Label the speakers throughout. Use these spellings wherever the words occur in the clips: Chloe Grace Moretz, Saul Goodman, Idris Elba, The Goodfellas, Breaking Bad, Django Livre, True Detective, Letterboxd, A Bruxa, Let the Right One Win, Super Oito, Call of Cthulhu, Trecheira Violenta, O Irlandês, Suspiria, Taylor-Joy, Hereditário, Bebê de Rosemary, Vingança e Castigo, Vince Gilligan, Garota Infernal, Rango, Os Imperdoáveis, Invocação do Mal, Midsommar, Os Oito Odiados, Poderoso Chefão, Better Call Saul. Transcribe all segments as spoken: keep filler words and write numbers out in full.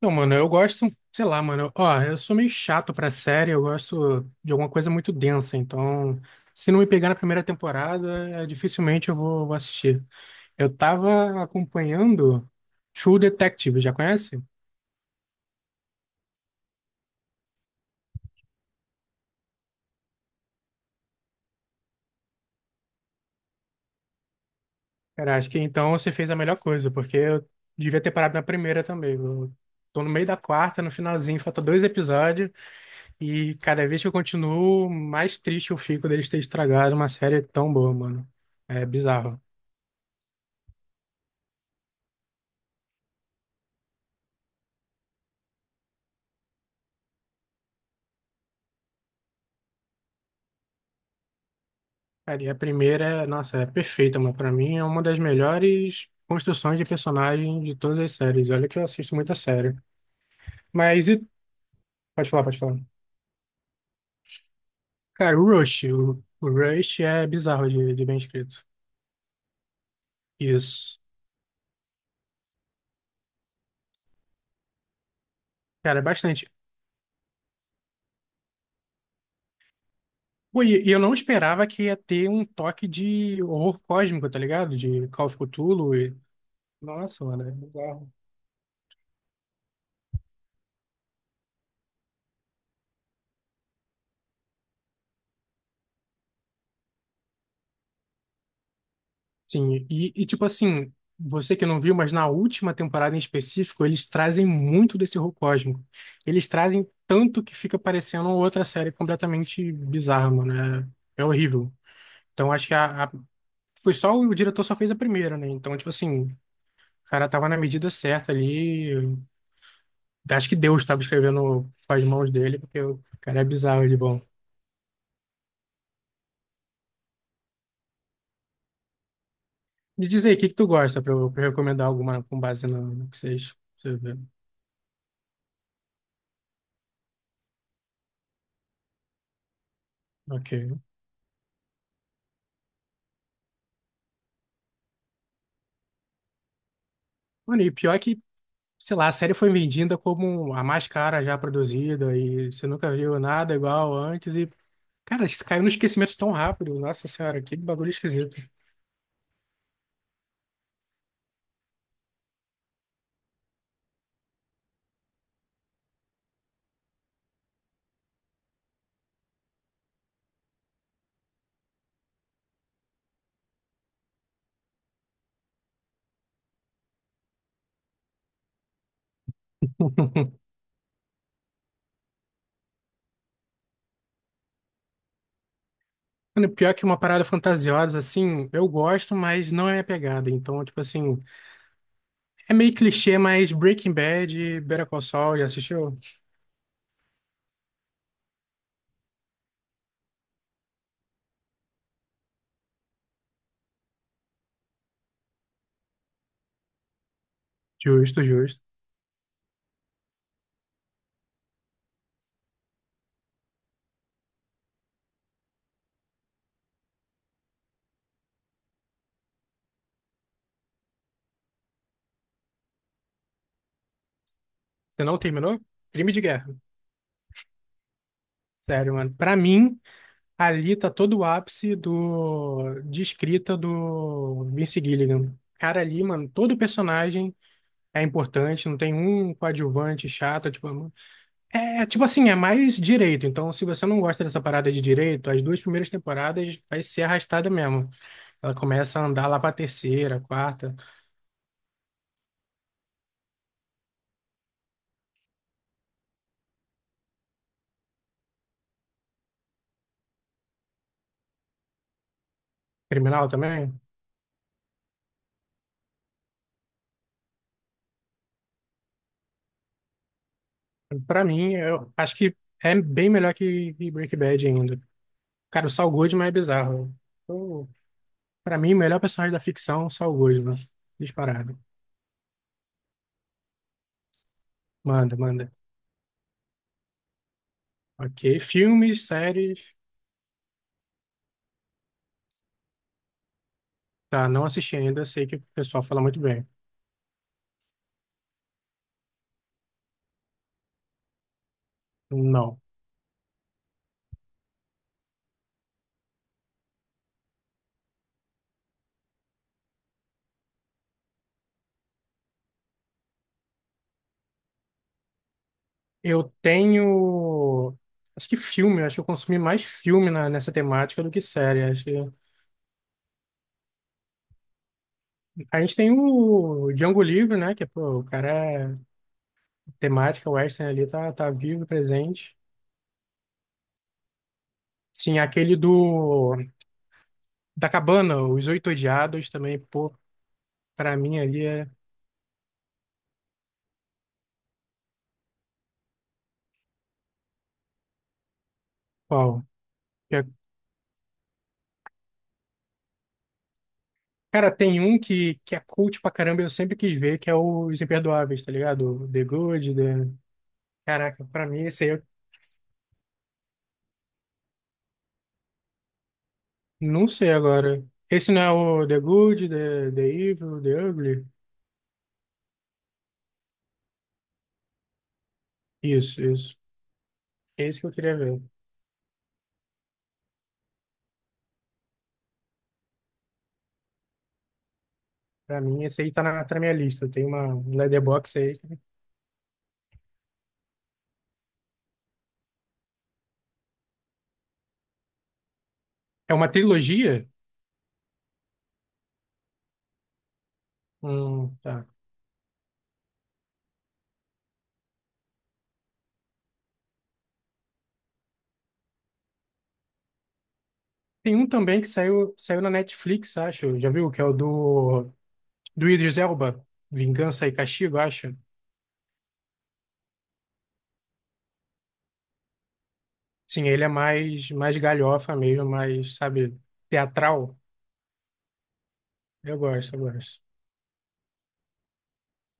Speaker 1: Não, mano, eu gosto, sei lá, mano. Ó, eu sou meio chato pra série, eu gosto de alguma coisa muito densa, então se não me pegar na primeira temporada, eh, dificilmente eu vou, vou assistir. Eu tava acompanhando True Detective, já conhece? Cara, acho que então você fez a melhor coisa, porque eu devia ter parado na primeira também. Eu tô no meio da quarta, no finalzinho, falta dois episódios, e cada vez que eu continuo, mais triste eu fico deles ter estragado uma série tão boa, mano. É bizarro. Cara, e a primeira, é- nossa, é perfeita, mano. Pra mim é uma das melhores construções de personagem de todas as séries. Olha que eu assisto muita série. Mas e... Pode falar, pode falar. Cara, o Rush. O, o Rush é bizarro de, de bem escrito. Isso. Cara, é bastante. Pô, e e eu não esperava que ia ter um toque de horror cósmico, tá ligado? De Call of Cthulhu e... Nossa, mano, é bizarro. Sim, e, e tipo assim, você que não viu, mas na última temporada em específico, eles trazem muito desse horror cósmico. Eles trazem tanto que fica parecendo outra série completamente bizarra, mano. É, é horrível. Então acho que a, a- foi só o diretor só fez a primeira, né? Então, tipo assim, o cara tava na medida certa ali. Acho que Deus estava escrevendo com as mãos dele, porque o cara é bizarro de bom. Me diz aí, o que que tu gosta pra eu, pra eu recomendar alguma com base no, no que vocês, você vê? Ok. Mano, e pior que sei lá, a série foi vendida como a mais cara já produzida e você nunca viu nada igual antes e, cara, isso caiu no esquecimento tão rápido. Nossa senhora, que bagulho esquisito. Mano, pior que uma parada fantasiosa, assim, eu gosto, mas não é minha pegada. Então, tipo assim, é meio clichê, mas Breaking Bad e Better Call Saul, já assistiu? Justo, justo. Você não terminou? Crime de guerra. Sério, mano. Pra mim, ali tá todo o ápice do, de escrita do Vince Gilligan. Cara, ali, mano, todo personagem é importante, não tem um coadjuvante chato, tipo, é, tipo assim, é mais direito. Então, se você não gosta dessa parada de direito, as duas primeiras temporadas vai ser arrastada mesmo. Ela começa a andar lá pra terceira, quarta, criminal também. Pra mim, eu acho que é bem melhor que que Breaking Bad ainda. Cara, o Saul Goodman é bizarro. Pra mim, o melhor personagem da ficção, Saul Goodman. Disparado. Manda, manda. Ok. Filmes, séries. Tá, não assisti ainda. Sei que o pessoal fala muito bem. Não. Eu tenho. Acho que filme. Acho que eu consumi mais filme na- nessa temática do que série. Acho que... A gente tem o Django Livre, né? Que, pô, o cara. é- Temática western ali tá, tá vivo, presente. Sim, aquele do. Da Cabana, Os Oito Odiados também, pô. Pra mim ali é. Qual? Cara, tem um que, que é cult pra caramba, eu sempre quis ver, que é o Os Imperdoáveis, tá ligado? O The Good, The... Caraca, pra mim esse aí eu não sei agora. Esse não é o The Good, The, The Evil, The Ugly? Isso, isso. Esse que eu queria ver. Pra mim, esse aí tá na, tá na minha lista. Tem uma Letterboxd aí. É uma trilogia? Hum, tá. Tem um também que saiu, saiu na Netflix, acho. Já viu? Que é o do, do Idris Elba. Vingança e Castigo, acho. Sim, ele é mais, mais galhofa mesmo, mais, sabe, teatral. Eu gosto, eu gosto.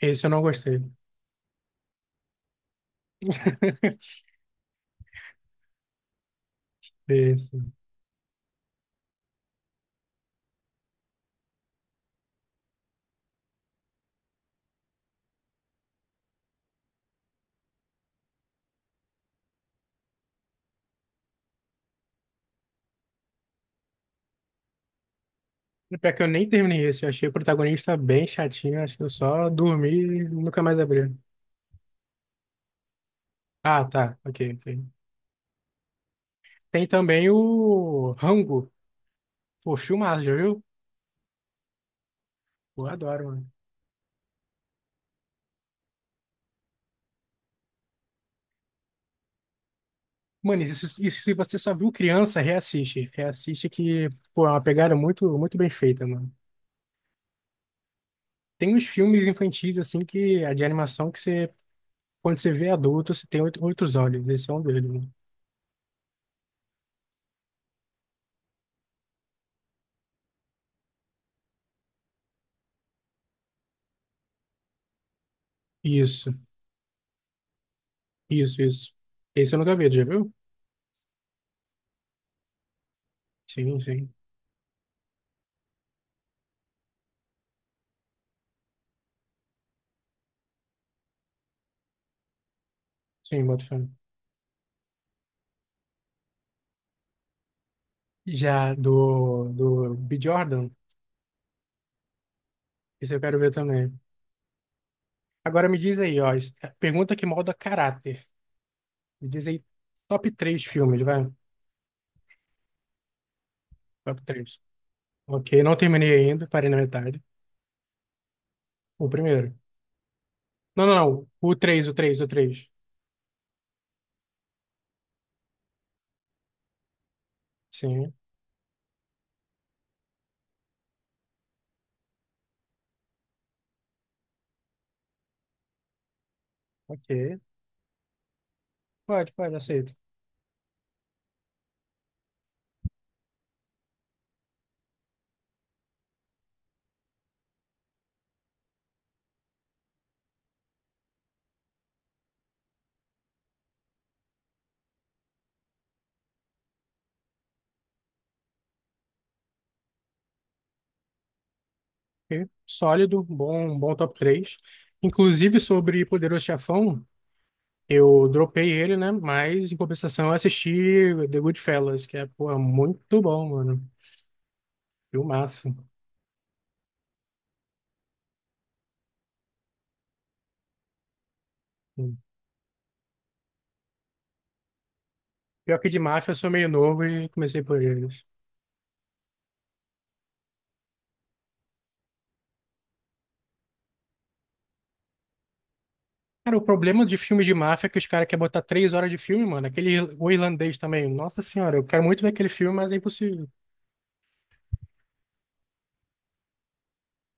Speaker 1: Esse eu não gostei. Esse. Pior que eu nem terminei esse. Eu achei o protagonista bem chatinho. Acho que eu só dormi e nunca mais abri. Ah, tá. Ok, ok. Tem também o Rango. Pô, filmaço, já viu? Pô, eu adoro, mano. Mano, e se, e se você só viu criança, reassiste. Reassiste que, pô, é uma pegada muito, muito bem feita, mano. Tem uns filmes infantis, assim, que, de animação que você Quando você vê adulto, você tem oito, oito olhos. Esse é um deles, né? Isso, isso, isso. Esse eu nunca vi, tu já viu? Sim, sim. Sim, boto fé. Já do, do B. Jordan, esse eu quero ver também. Agora me diz aí, ó. es- é, Pergunta que molda caráter. Me diz aí, top três filmes, vai. Top três. Ok, não terminei ainda, parei na metade. O primeiro. Não, não, não. O três, o três, o três. Sim, ok. Pode, pode, aceito. Ok. Sólido, bom, um bom top três. Inclusive sobre Poderoso Chefão, eu dropei ele, né? Mas em compensação eu assisti The Goodfellas, que é, pô, é muito bom, mano. Filmaço. Pior que de máfia eu sou meio novo e comecei por eles. Cara, o problema de filme de máfia é que os caras querem botar três horas de filme, mano. Aquele ir- o irlandês também. Nossa senhora, eu quero muito ver aquele filme, mas é impossível.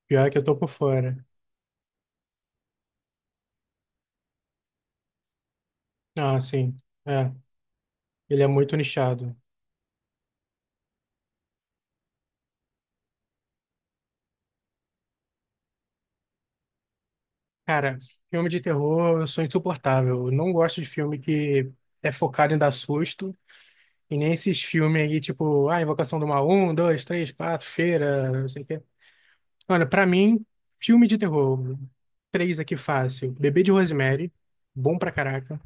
Speaker 1: Pior que eu tô por fora. Ah, sim. É. Ele é muito nichado. Cara, filme de terror eu sou insuportável. Eu não gosto de filme que é focado em dar susto. E nem esses filmes aí, tipo, ah, Invocação do Mal, um, dois, três, quatro, Feira, não sei o quê. Mano, pra mim, filme de terror, três aqui fácil. Bebê de Rosemary, bom pra caraca.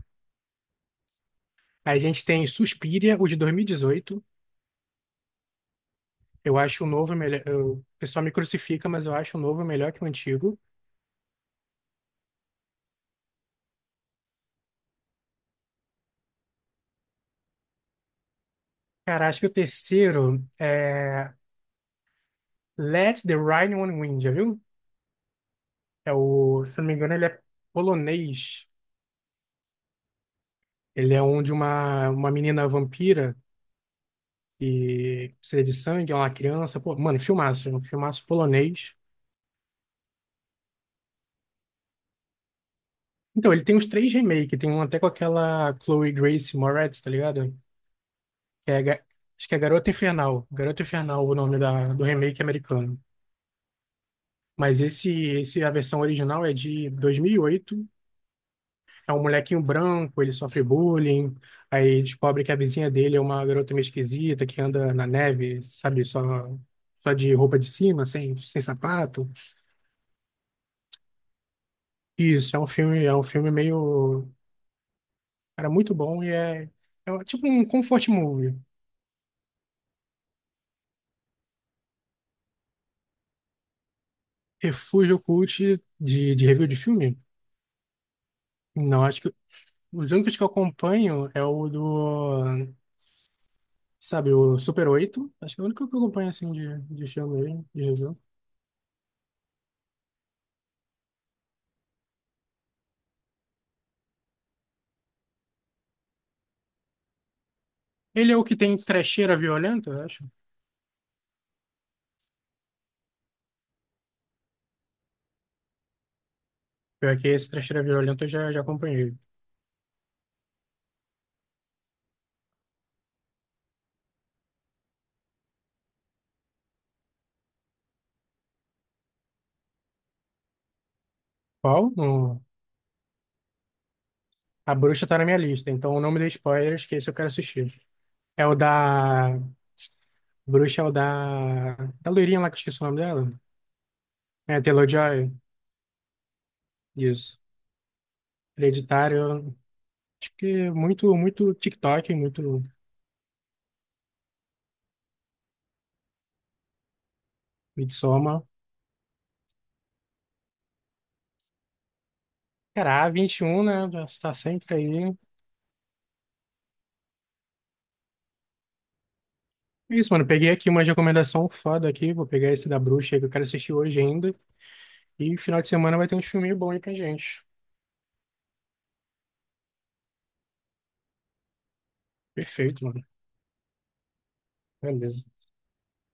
Speaker 1: A gente tem Suspiria, o de dois mil e dezoito. Eu acho o novo melhor. eu- O pessoal me crucifica, mas eu acho o novo melhor que o antigo. Cara, acho que o terceiro é Let the Right One Win, já viu? É o, se eu não me engano, ele é polonês. Ele é onde uma, uma menina vampira que precisa de sangue, é uma criança. Pô, mano, filmaço, é um filmaço polonês. Então, ele tem os três remakes. Tem um até com aquela Chloe Grace Moretz, tá ligado? Que é, ga- acho que é Garota Infernal. Garota Infernal, o nome da, do remake americano. Mas esse, esse, a versão original é de dois mil e oito. É um molequinho branco, ele sofre bullying, aí descobre que a vizinha dele é uma garota meio esquisita que anda na neve, sabe, só só de roupa de cima, sem, sem sapato. Isso, é um filme, é um filme meio, cara, muito bom e é, é um- tipo um comfort movie. Refúgio Cult de, de review de filme? Não, acho que os únicos que eu acompanho é o do, sabe, o Super oito. Acho que é o único que eu acompanho assim de, de filme, de review. Ele é o que tem trecheira violenta, eu acho. Pior que esse Trecheira Violenta eu já, já acompanhei. Qual? Hum, A Bruxa tá na minha lista, então não me dê spoilers, que esse eu quero assistir. É o da. Bruxa é o da. Da loirinha lá que eu esqueci o nome dela. É, Taylor-Joy. Isso. Hereditário. Acho que muito, muito TikTok, muito Midsommar. Cara, a vinte e um né? Já está sempre aí. É isso, mano. Peguei aqui uma recomendação foda aqui. Vou pegar esse da Bruxa aí que eu quero assistir hoje ainda. E final de semana vai ter um filminho bom aí pra gente. Perfeito, mano. Beleza.